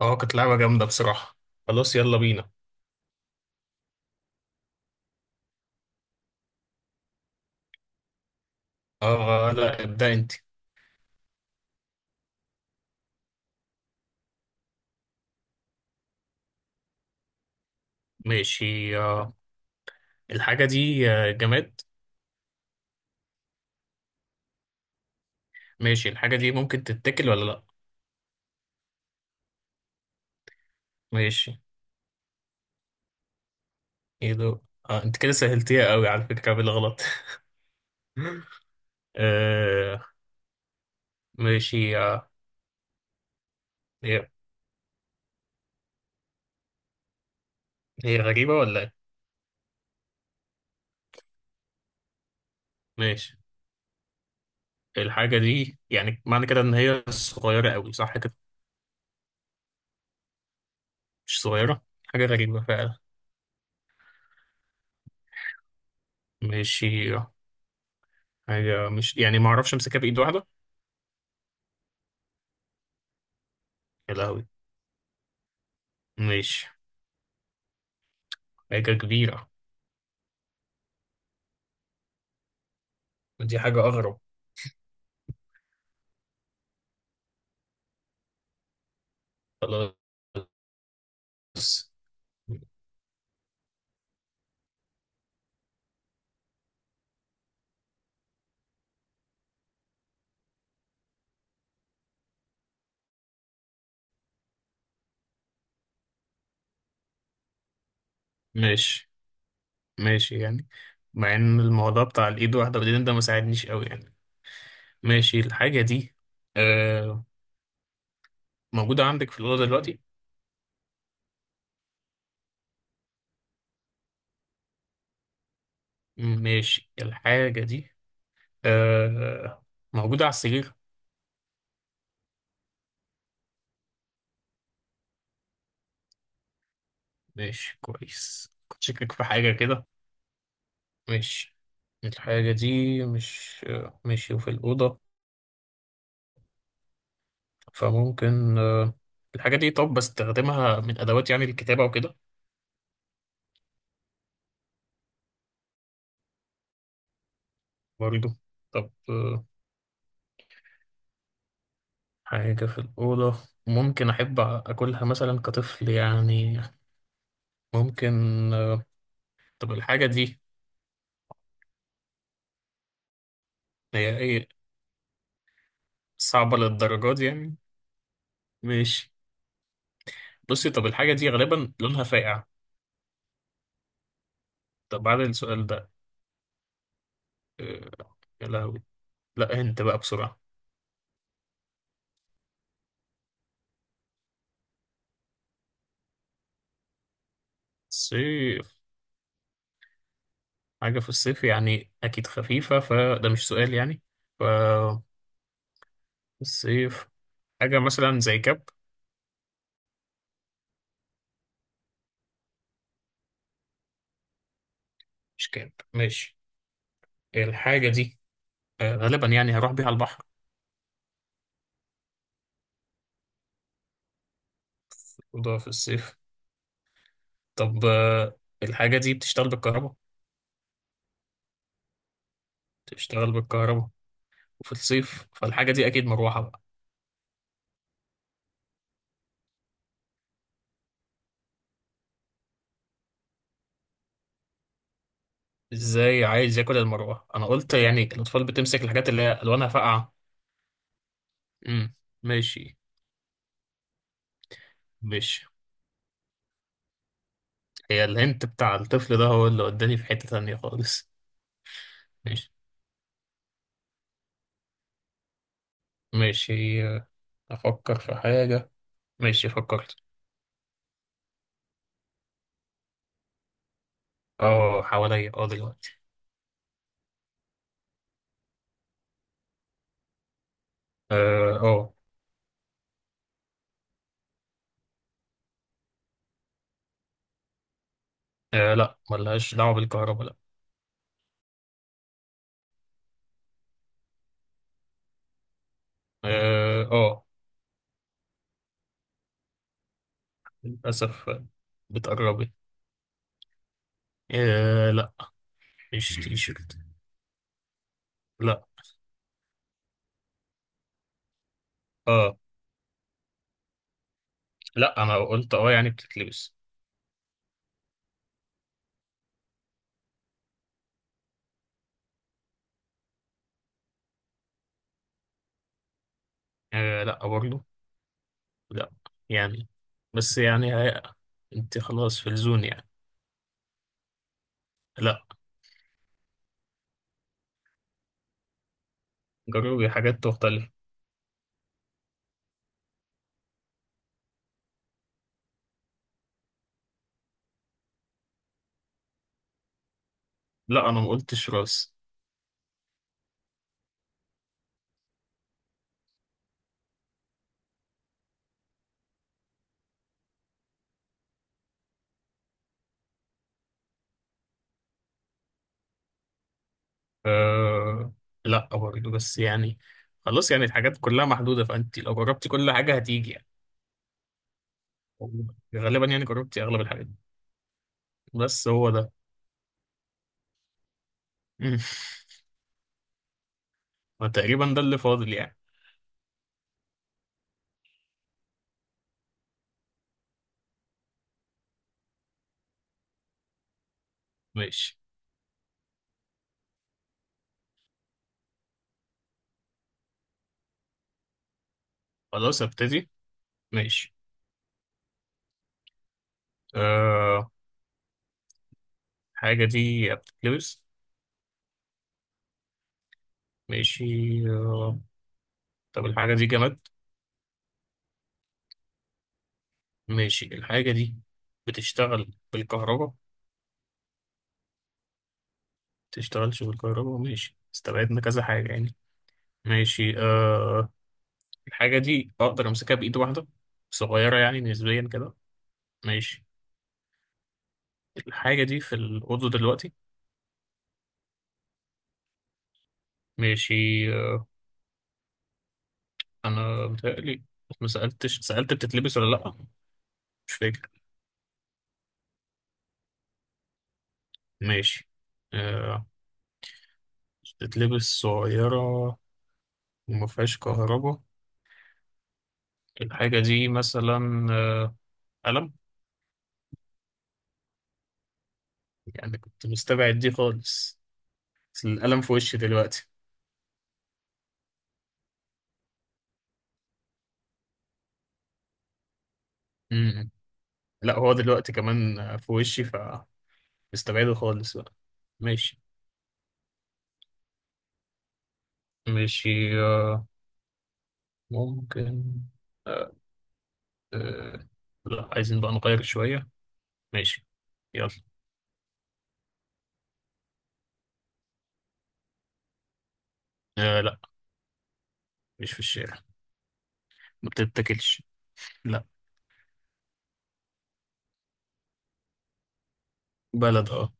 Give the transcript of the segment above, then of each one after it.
اه، كانت لعبة جامدة بصراحة. خلاص يلا بينا. اه لا، ابدأ انت. ماشي آه. الحاجة دي جماد؟ ماشي، الحاجة دي ممكن تتاكل ولا لا؟ ماشي، ايه ده؟ انت كده سهلتيها قوي على فكرة بالغلط. آه ماشي آه. هي هي غريبة ولا ايه؟ ماشي، الحاجة دي يعني معنى كده ان هي صغيرة قوي، صح كده؟ مش صغيرة. حاجة غريبة فعلا. ماشي حاجة مش يعني ما اعرفش امسكها بإيد واحدة. يا لهوي. ماشي. حاجة كبيرة. ودي حاجة أغرب. خلاص. ماشي، ماشي يعني. مع إن الموضوع بتاع الإيد واحدة والإيدين ده مساعدنيش أوي يعني. ماشي، الحاجة دي آه موجودة عندك في الأوضة دلوقتي؟ ماشي، الحاجة دي آه موجودة على السرير؟ ماشي، كويس، كنت شاكك في حاجة كده. ماشي، الحاجة دي مش ماشي، وفي الأوضة. فممكن الحاجة دي، طب بستخدمها من أدوات يعني الكتابة وكده؟ برضه. طب حاجة في الأوضة، ممكن أحب أكلها مثلا كطفل يعني؟ ممكن. آه، طب الحاجة دي، هي إيه، صعبة للدرجة دي يعني؟ ماشي. بصي، طب الحاجة دي غالبا لونها فاقع؟ طب بعد السؤال ده، آه، يا لهوي. لا، أنت بقى بسرعة. صيف؟ حاجة في الصيف يعني أكيد خفيفة، فده مش سؤال يعني. فالصيف، حاجة مثلا زي كاب؟ مش كاب، ماشي. الحاجة دي غالبا يعني هروح بيها البحر؟ الأوضة في الصيف؟ طب الحاجة دي بتشتغل بالكهرباء؟ بتشتغل بالكهرباء، وفي الصيف فالحاجة دي أكيد مروحة بقى. إزاي عايز ياكل المروحة؟ أنا قلت يعني الأطفال بتمسك الحاجات اللي هي ألوانها فاقعة. امم. ماشي. ماشي، هي الهنت بتاع الطفل ده هو اللي وداني في حتة تانية خالص. ماشي. ماشي أفكر في حاجة. ماشي، فكرت. اه، حواليا، دلوقتي. اه، اه. لا، ملهاش دعوة بالكهرباء، لا. اه. للأسف. بتقربي. لا، مش تي شيرت. لا. اه، لا، انا قلت اه يعني بتتلبس. لا برضه. لا يعني، بس يعني هي... انت خلاص في الزون يعني. لا، جربي حاجات مختلفة. لا، انا ما قلتش راس. آه لا برضه، بس يعني خلاص يعني الحاجات كلها محدودة، فانت لو جربتي كل حاجة هتيجي يعني. غالبا يعني جربتي اغلب الحاجات، بس هو ده. وتقريبا ده اللي فاضل يعني. ماشي. خلاص ابتدي. ماشي آه. الحاجة دي بتتلبس؟ ماشي آه، طب الحاجة دي جماد؟ ماشي، الحاجة دي بتشتغل بالكهرباء؟ بتشتغلش بالكهرباء، ماشي، استبعدنا كذا حاجة يعني. ماشي الحاجة دي أقدر أمسكها بإيد واحدة؟ صغيرة يعني نسبيا كده؟ ماشي، الحاجة دي في الأوضة دلوقتي؟ ماشي آه أنا متهيألي، ما سألتش، سألت بتتلبس ولا لأ، مش فاكر. ماشي آه بتتلبس صغيرة وما فيهاش كهرباء. الحاجة دي مثلا قلم؟ يعني كنت مستبعد دي خالص، بس القلم في وشي دلوقتي. امم. لا، هو دلوقتي كمان في وشي، فمستبعده خالص بقى. ماشي. ماشي آه، ممكن. آه، آه، لا، عايزين بقى نغير شوية. ماشي، يلا. لا، مش في الشارع، ما بتتاكلش، لا. بلد، اه.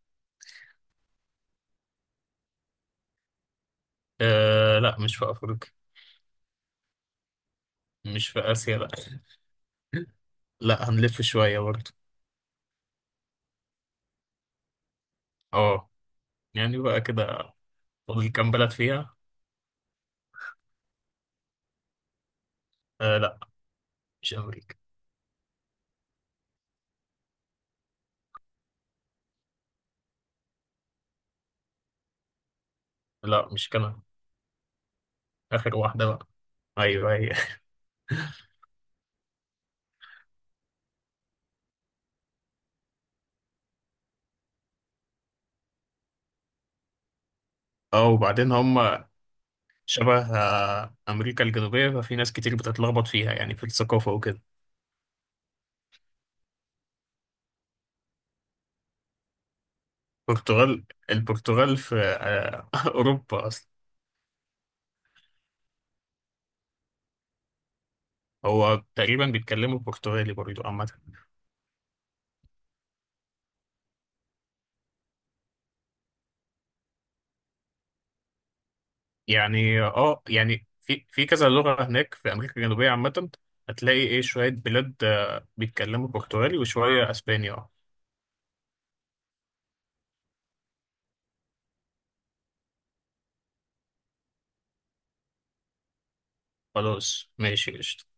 لا، مش في أفريقيا. مش في آسيا، لا. لا، هنلف شوية برضه. اه، يعني بقى كده. فاضل كام بلد فيها؟ لا، مش امريكا. لا، مش كندا. اخر واحده بقى. ايوه، هي. اه، وبعدين هم شبه امريكا الجنوبيه، ففي ناس كتير بتتلخبط فيها يعني في الثقافه وكده. البرتغال. البرتغال في اوروبا اصلا. هو تقريبا بيتكلموا برتغالي برضو عامه. يعني في كذا لغه هناك في امريكا الجنوبيه عامه. هتلاقي ايه، شويه بلاد بيتكلموا برتغالي وشويه اسباني، اه. خلاص ماشي، قشطة.